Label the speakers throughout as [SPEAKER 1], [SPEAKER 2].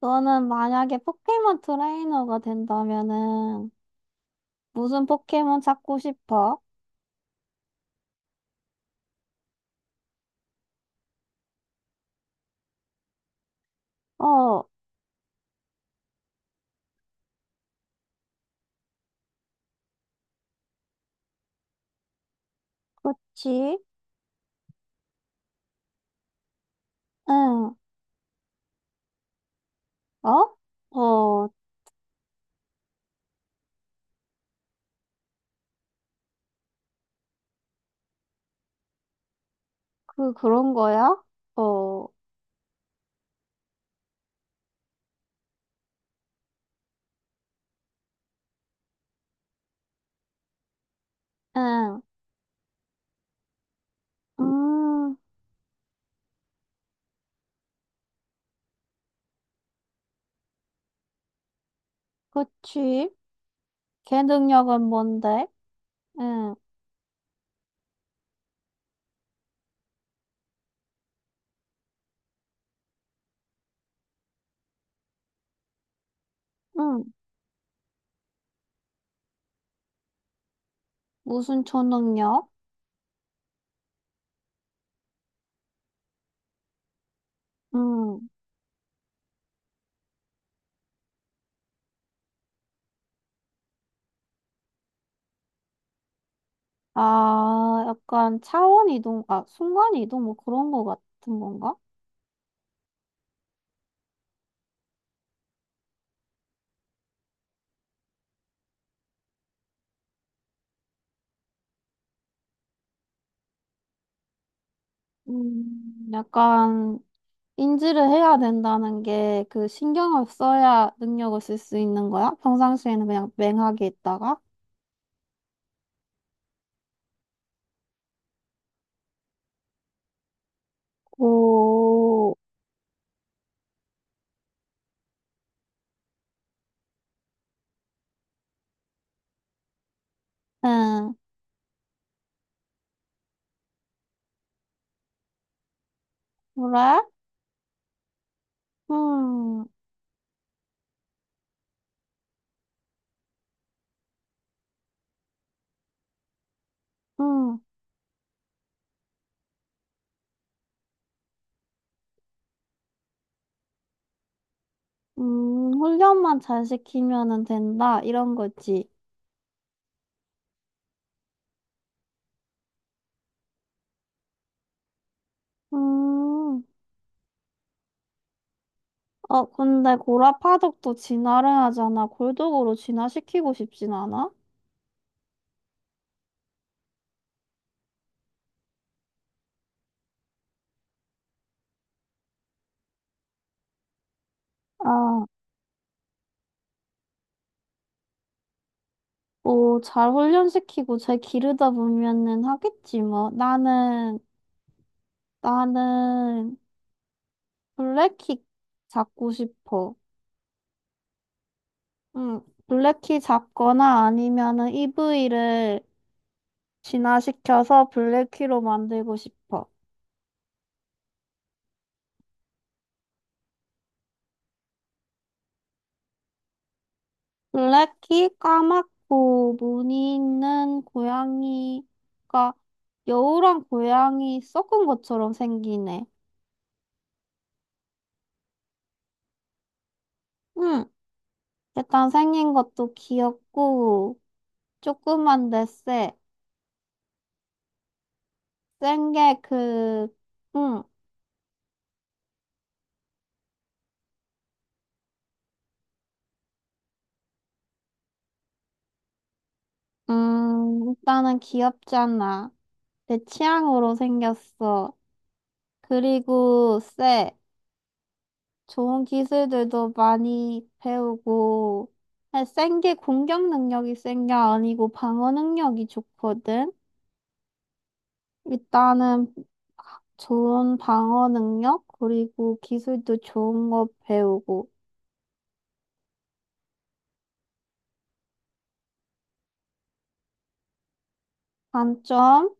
[SPEAKER 1] 너는 만약에 포켓몬 트레이너가 된다면은 무슨 포켓몬 찾고 싶어? 어, 그치? 응. 어? 어, 그런 거야? 어, 응. 음, 그치? 걔 능력은 뭔데? 응, 응. 무슨 초능력? 응. 아, 약간 차원 이동, 아, 순간 이동 뭐 그런 거 같은 건가? 약간 인지를 해야 된다는 게 그 신경을 써야 능력을 쓸 수 있는 거야? 평상시에는 그냥 맹하게 있다가? 오, 응, 그래? 음, 음, 훈련만 잘 시키면은 된다. 이런 거지. 음, 어, 근데 고라 파덕도 진화를 하잖아. 골독으로 진화시키고 싶진 않아? 아, 오, 잘 훈련시키고 잘 기르다 보면은 하겠지, 뭐. 나는, 나는, 블랙키 잡고 싶어. 응, 블랙키 잡거나 아니면은 이브이를 진화시켜서 블랙키로 만들고 싶어. 블랙키 까맣고 무늬 있는 고양이가 여우랑 고양이 섞은 것처럼 생기네. 응, 일단 생긴 것도 귀엽고 조그만데 쎄. 센 게 그, 응, 일단은 귀엽잖아. 내 취향으로 생겼어. 그리고 쎄. 좋은 기술들도 많이 배우고. 아니, 센 게 공격 능력이 센 게 아니고 방어 능력이 좋거든. 일단은 좋은 방어 능력, 그리고 기술도 좋은 거 배우고. 단점?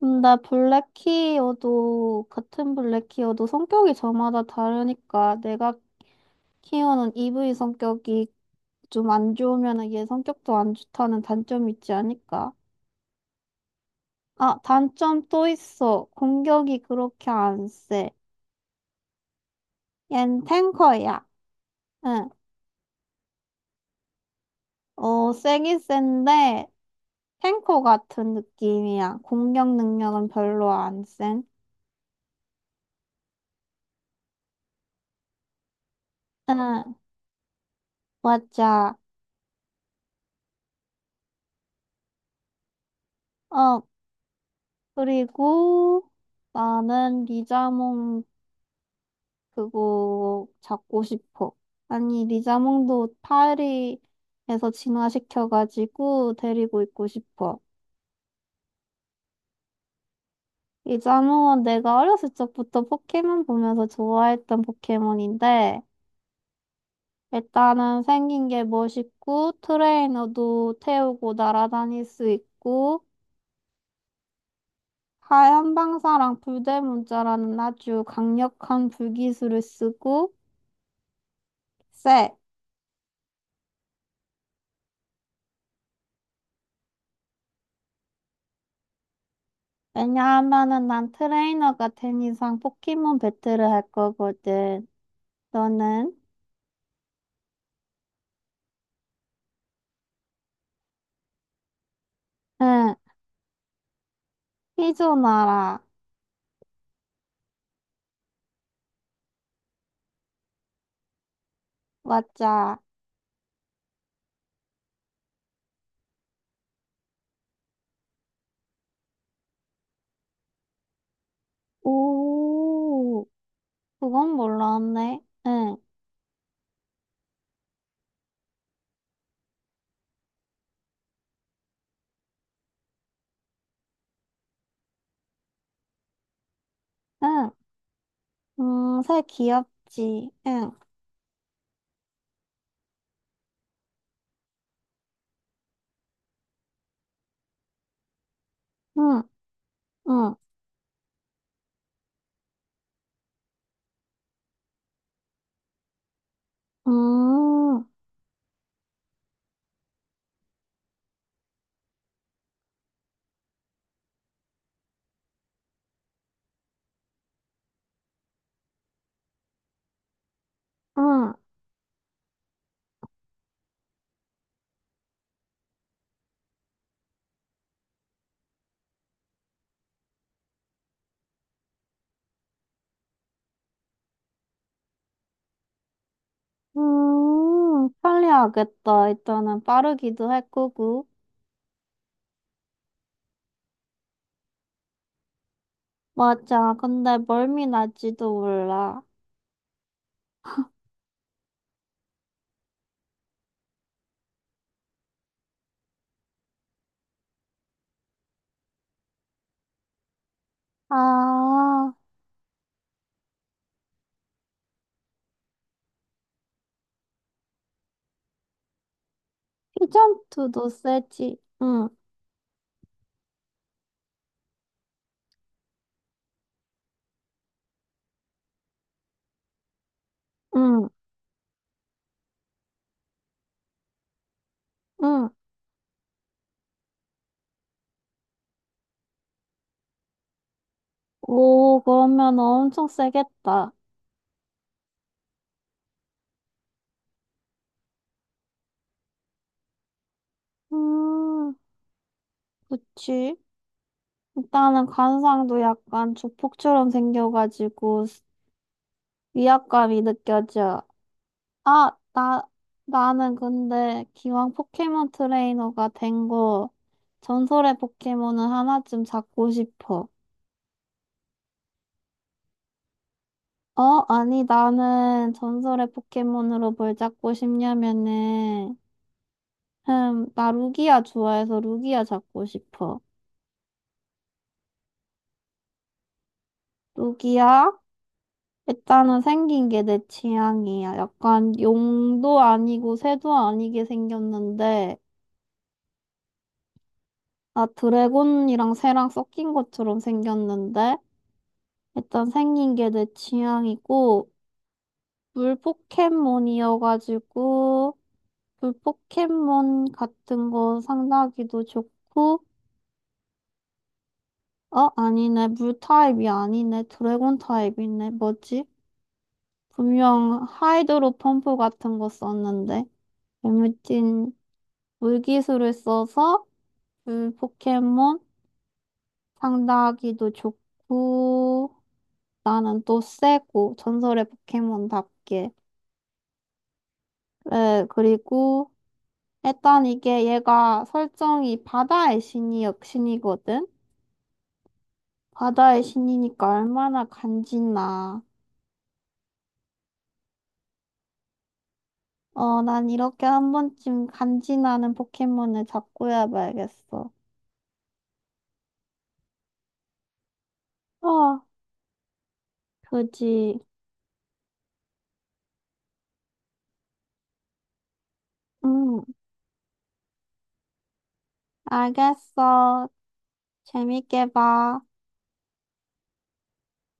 [SPEAKER 1] 근데 블랙키어도, 같은 블랙키어도 성격이 저마다 다르니까 내가 키오는 EV 성격이 좀 안 좋으면 얘 성격도 안 좋다는 단점이 있지 않을까? 아, 단점 또 있어. 공격이 그렇게 안 세. 얜 탱커야. 응. 어, 세긴 센데, 탱커 같은 느낌이야. 공격 능력은 별로 안 센. 응, 맞아. 어, 그리고 나는 리자몽 그거 잡고 싶어. 아니, 리자몽도 파리에서 진화시켜가지고 데리고 있고 싶어. 리자몽은 내가 어렸을 적부터 포켓몬 보면서 좋아했던 포켓몬인데, 일단은 생긴 게 멋있고, 트레이너도 태우고 날아다닐 수 있고, 하얀 방사랑 불대문자라는 아주 강력한 불기술을 쓰고, 쎄. 왜냐하면은 난 트레이너가 된 이상 포켓몬 배틀을 할 거거든. 너는? 응, 피조나라. 맞아. 오, 그건 몰랐네. 응, 응. 새 귀엽지. 응, 응, 응. 음, 응, 편리하겠다. 일단은 빠르기도 할 거고. 맞아. 근데 멀미 날지도 몰라. 아, 피전투도 세지. 응. 응, 응. 오, 그러면 엄청 세겠다. 음, 그치. 일단은 관상도 약간 조폭처럼 생겨가지고 위압감이 느껴져. 아, 나, 나는 근데 기왕 포켓몬 트레이너가 된 거, 전설의 포켓몬은 하나쯤 잡고 싶어. 어? 아니, 나는 전설의 포켓몬으로 뭘 잡고 싶냐면은, 흠, 나 루기아 좋아해서 루기아 잡고 싶어. 뚝이야? 일단은 생긴 게 내 취향이야. 약간 용도 아니고 새도 아니게 생겼는데, 아, 드래곤이랑 새랑 섞인 것처럼 생겼는데, 일단 생긴 게 내 취향이고, 물 포켓몬이어가지고, 물 포켓몬 같은 거 상다기도 좋고, 어, 아니네. 물 타입이 아니네. 드래곤 타입이네. 뭐지? 분명 하이드로 펌프 같은 거 썼는데. 재밌진 물기술을 써서 그 포켓몬 상대하기도 좋고 나는 또 세고 전설의 포켓몬답게. 그래. 그리고 일단 이게 얘가 설정이 바다의 신이 역신이거든. 바다의 신이니까 얼마나 간지나. 어, 난 이렇게 한 번쯤 간지나는 포켓몬을 잡고 해봐야겠어. 어. 그지. 응. 알겠어. 재밌게 봐.